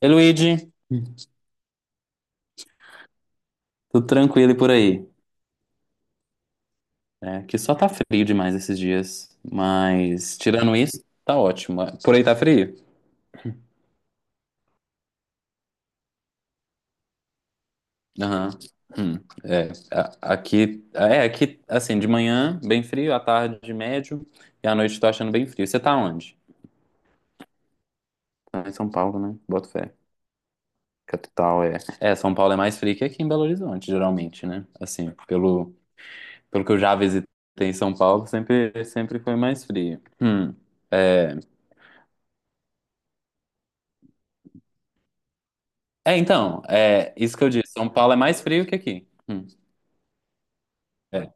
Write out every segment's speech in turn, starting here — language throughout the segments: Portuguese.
Ei, Luigi, tudo tranquilo e por aí? É, que só tá frio demais esses dias, mas tirando isso, tá ótimo. Por aí tá frio? Aham. Hum, é, aqui, assim, de manhã bem frio, à tarde médio e à noite tô achando bem frio. Você tá onde? Tá em São Paulo, né? Boto fé. Capital é. É, São Paulo é mais frio que aqui em Belo Horizonte, geralmente, né? Assim, pelo que eu já visitei em São Paulo, sempre foi mais frio. Hum. é, É, então, é isso que eu disse. São Paulo é mais frio que aqui. É.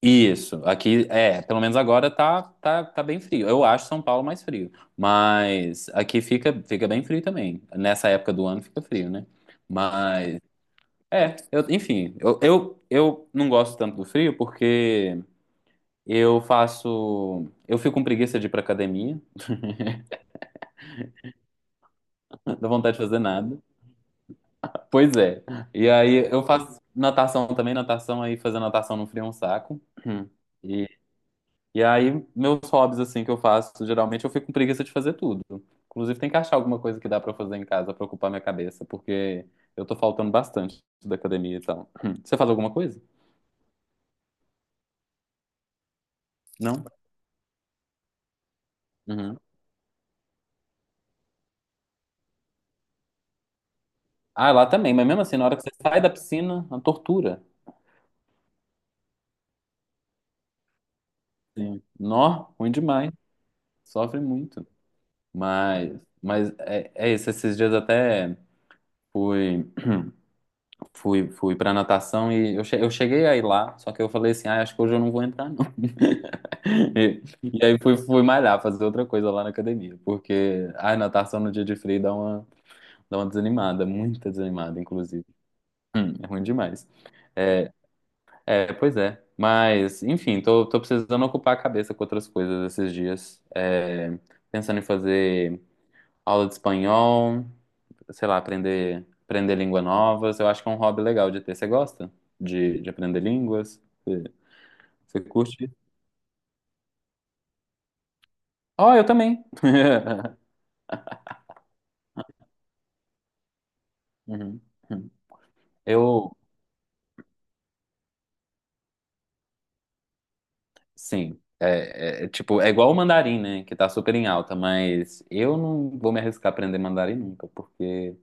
Isso, aqui é, pelo menos agora tá bem frio. Eu acho São Paulo mais frio, mas aqui fica bem frio também. Nessa época do ano fica frio, né? Mas é, enfim, eu não gosto tanto do frio porque eu fico com preguiça de ir pra academia, não dá vontade de fazer nada. Pois é. E aí eu faço natação também, natação aí fazer natação no frio é um saco. e E aí, meus hobbies, assim, que eu faço, geralmente eu fico com preguiça de fazer tudo. Inclusive, tem que achar alguma coisa que dá pra eu fazer em casa pra ocupar minha cabeça, porque eu tô faltando bastante da academia e tal. Você faz alguma coisa? Não? Uhum. Ah, lá também, mas mesmo assim, na hora que você sai da piscina, a tortura. Sim. Nó, ruim demais. Sofre muito. Mas é isso. Esses dias até fui. Fui pra natação e eu cheguei a ir lá, só que eu falei assim, ah, acho que hoje eu não vou entrar, não. E aí fui malhar, fazer outra coisa lá na academia, porque a natação no dia de frio dá uma desanimada, muita desanimada, inclusive. É ruim demais. É, é, pois é. Mas, enfim, tô precisando ocupar a cabeça com outras coisas esses dias. É, pensando em fazer aula de espanhol, sei lá, aprender línguas novas. Eu acho que é um hobby legal de ter. Você gosta de aprender línguas? Você curte? Ó, eu também. Uhum. Eu, sim. É, tipo, é igual o mandarim, né? Que tá super em alta, mas eu não vou me arriscar a aprender mandarim nunca, porque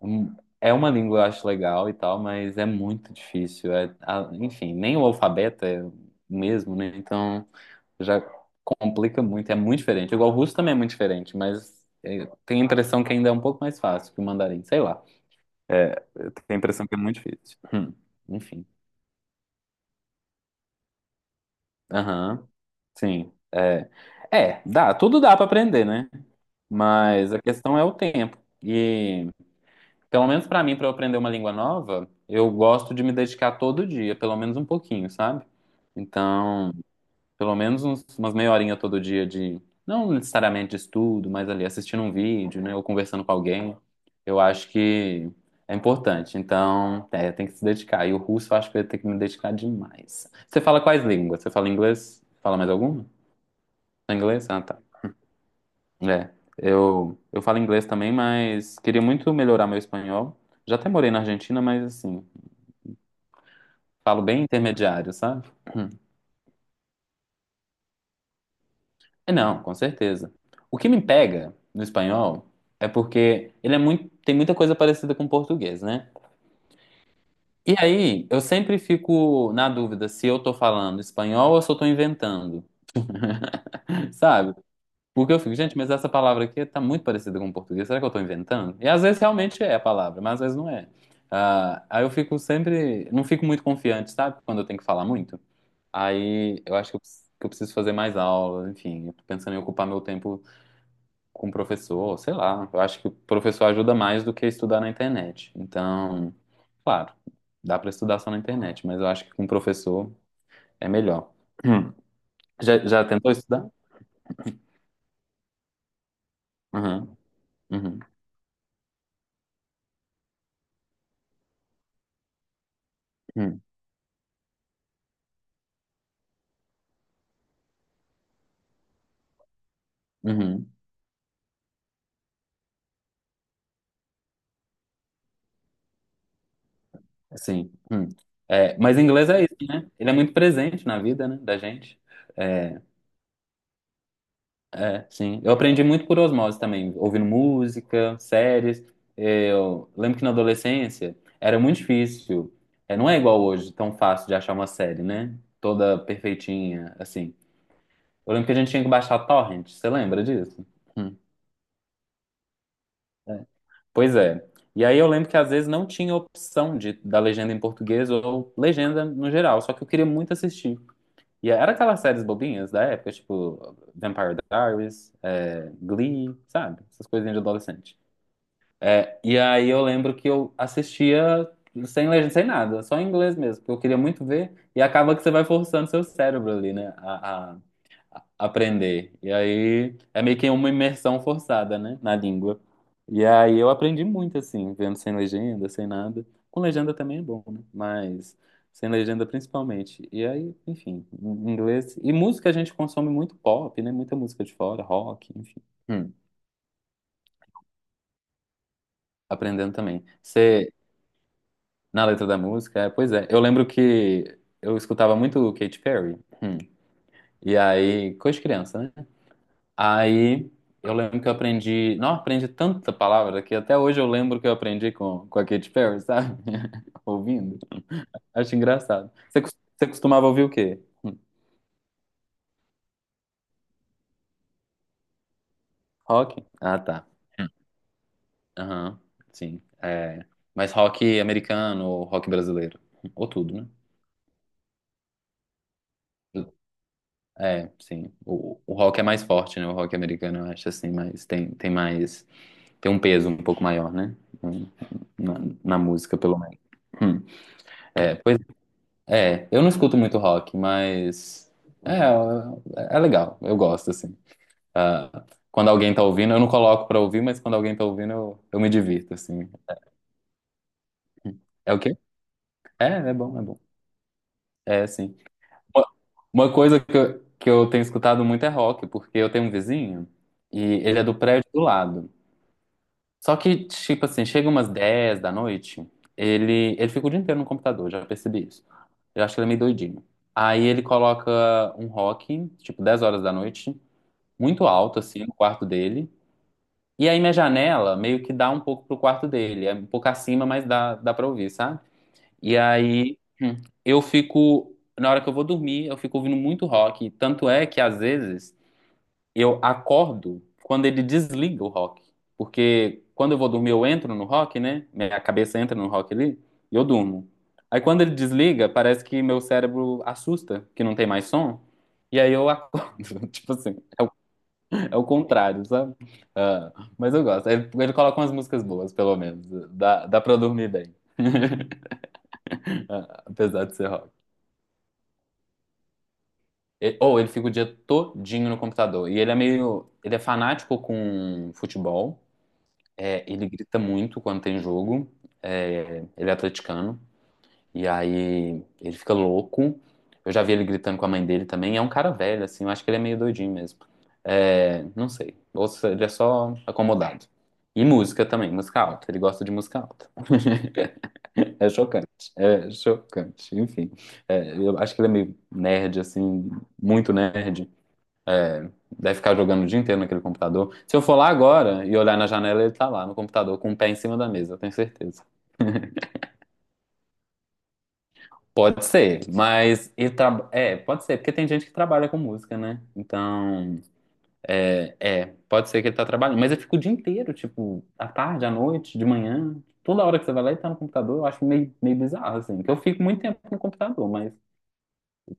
hum, é uma língua eu acho legal e tal, mas é muito difícil. É, enfim, nem o alfabeto é o mesmo, né? Então. Já complica muito, é muito diferente. Igual o russo também é muito diferente, mas é, tenho a impressão que ainda é um pouco mais fácil que o mandarim, sei lá. É, eu tenho a impressão que é muito difícil. Enfim. Aham, sim. É, tudo dá pra aprender, né? Mas a questão é o tempo. E, pelo menos pra mim, pra eu aprender uma língua nova, eu gosto de me dedicar todo dia, pelo menos um pouquinho, sabe? Então. Pelo menos umas meia horinha todo dia de, não necessariamente de estudo, mas ali assistindo um vídeo, né, ou conversando com alguém, eu acho que é importante. Então, é, tem que se dedicar. E o russo eu acho que eu ia ter que me dedicar demais. Você fala quais línguas? Você fala inglês? Fala mais alguma? Fala inglês? Ah, tá. É. Eu falo inglês também, mas queria muito melhorar meu espanhol. Já até morei na Argentina, mas assim, falo bem intermediário, sabe? É, não, com certeza. O que me pega no espanhol é porque ele é muito, tem muita coisa parecida com o português, né? E aí, eu sempre fico na dúvida se eu tô falando espanhol ou se eu tô inventando, sabe? Porque eu fico, gente, mas essa palavra aqui tá muito parecida com o português, será que eu tô inventando? E às vezes realmente é a palavra, mas às vezes não é. Ah, aí eu fico sempre, não fico muito confiante, sabe? Quando eu tenho que falar muito. Aí eu acho que eu preciso fazer mais aula, enfim, eu tô pensando em ocupar meu tempo com o professor, sei lá. Eu acho que o professor ajuda mais do que estudar na internet. Então, claro, dá para estudar só na internet, mas eu acho que com o professor é melhor. Hum. Já tentou estudar? Uhum, uhum, uhum, uhum. Sim. Hum. É, mas inglês é isso, né? Ele é muito presente na vida, né, da gente. É, É, sim. Eu aprendi muito por osmose também, ouvindo música, séries. É, eu lembro que na adolescência era muito difícil. É, não é igual hoje, tão fácil de achar uma série, né? Toda perfeitinha, assim. Eu lembro que a gente tinha que baixar torrent, você lembra disso? Hum. Pois é. E aí eu lembro que às vezes não tinha opção da legenda em português ou legenda no geral, só que eu queria muito assistir. E era aquelas séries bobinhas da época, tipo Vampire Diaries, é, Glee, sabe? Essas coisinhas de adolescente. É, e aí eu lembro que eu assistia sem legenda, sem nada, só em inglês mesmo, porque eu queria muito ver, e acaba que você vai forçando seu cérebro ali, né, a aprender. E aí é meio que uma imersão forçada, né, na língua. E aí eu aprendi muito, assim, vendo sem legenda, sem nada. Com legenda também é bom, né, mas sem legenda principalmente. E aí, enfim, em inglês. E música a gente consome muito pop, né, muita música de fora, rock, enfim. Hum, aprendendo também. Você Na letra da música, é, pois é. Eu lembro que eu escutava muito Katy Perry. hum, E aí, coisa de criança, né? Aí eu lembro que eu aprendi. Não, aprendi tanta palavra que até hoje eu lembro que eu aprendi com a Katy Perry, sabe? Ouvindo. Acho engraçado. Você costumava ouvir o quê? Hum. Rock? Ah, tá. Hum. Aham, sim. É, mas rock americano ou rock brasileiro? Ou tudo, né? É, sim. O rock é mais forte, né? O rock americano, eu acho assim, mas tem mais. Tem um peso um pouco maior, né? Na, na música, pelo menos. Hum. É, pois é. Eu não escuto muito rock, mas. É, é legal. Eu gosto, assim. Ah, quando alguém tá ouvindo, eu não coloco pra ouvir, mas quando alguém tá ouvindo, eu me divirto, assim. É o quê? É, é bom, é bom. É, sim. Uma uma coisa que eu tenho escutado muito é rock, porque eu tenho um vizinho e ele é do prédio do lado. Só que, tipo assim, chega umas 10 da noite, ele fica o dia inteiro no computador, já percebi isso. Eu acho que ele é meio doidinho. Aí ele coloca um rock, tipo 10 horas da noite, muito alto, assim, no quarto dele. E aí minha janela meio que dá um pouco pro quarto dele, é um pouco acima, mas dá pra ouvir, sabe? E aí eu fico, na hora que eu vou dormir, eu fico ouvindo muito rock. Tanto é que às vezes eu acordo quando ele desliga o rock. Porque quando eu vou dormir, eu entro no rock, né? Minha cabeça entra no rock ali e eu durmo. Aí quando ele desliga, parece que meu cérebro assusta, que não tem mais som. E aí eu acordo. Tipo assim, é o, contrário, sabe? Ah, mas eu gosto. Ele coloca umas músicas boas, pelo menos. Dá pra eu dormir bem, ah, apesar de ser rock. Ou ele fica o dia todinho no computador. E ele é meio. Ele é fanático com futebol. É, ele grita muito quando tem jogo. É, ele é atleticano. E aí ele fica louco. Eu já vi ele gritando com a mãe dele também. É um cara velho, assim. Eu acho que ele é meio doidinho mesmo. É, não sei. Ou se ele é só acomodado. E música também, música alta. Ele gosta de música alta. É chocante. É chocante. Enfim. É, eu acho que ele é meio nerd, assim. Muito nerd. Deve ficar jogando o dia inteiro naquele computador. Se eu for lá agora e olhar na janela, ele tá lá no computador com o pé em cima da mesa, eu tenho certeza. Pode ser, mas é, pode ser, porque tem gente que trabalha com música, né? Então, é, pode ser que ele tá trabalhando, mas ele fica o dia inteiro, tipo, à tarde, à noite, de manhã, toda hora que você vai lá ele tá no computador, eu acho meio bizarro, assim, que eu fico muito tempo no computador, mas,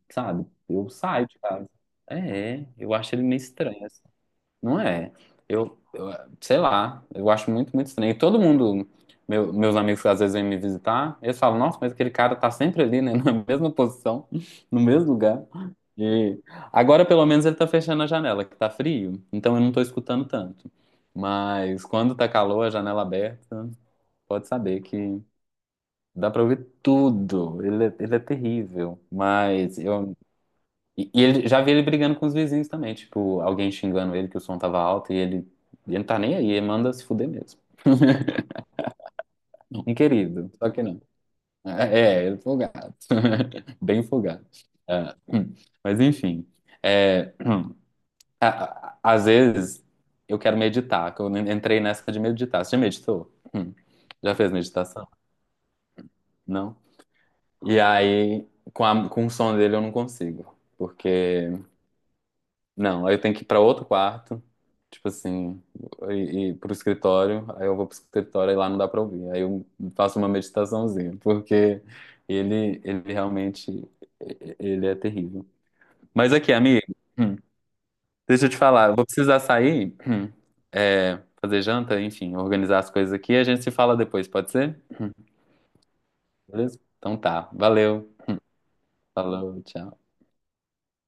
sabe, eu saio de casa. É, eu acho ele meio estranho. Não é. Eu, sei lá, eu acho muito, muito estranho. E todo mundo, meus amigos que às vezes vêm me visitar, eles falam, nossa, mas aquele cara tá sempre ali, né? Na mesma posição, no mesmo lugar. E agora, pelo menos, ele tá fechando a janela, que tá frio, então eu não tô escutando tanto. Mas quando tá calor, a janela aberta, pode saber que dá pra ouvir tudo. Ele é terrível. Mas e ele já vi ele brigando com os vizinhos também, tipo, alguém xingando ele que o som tava alto e ele não tá nem aí, ele manda se fuder mesmo. Um querido, só que não. É, ele é folgado. Bem folgado. É, mas enfim, é, a- às vezes eu quero meditar, que eu entrei nessa de meditar. Você já meditou? Hum. Já fez meditação? Não? E aí, com o som dele eu não consigo, porque. Não, aí eu tenho que ir pra outro quarto, tipo assim, e pro escritório, aí eu vou pro escritório e lá não dá pra ouvir. Aí eu faço uma meditaçãozinha, porque ele realmente, ele é terrível. Mas aqui, amigo, hum, deixa eu te falar, eu vou precisar sair, é, fazer janta, enfim, organizar as coisas aqui, e a gente se fala depois, pode ser? Beleza? Então tá, valeu, falou, tchau.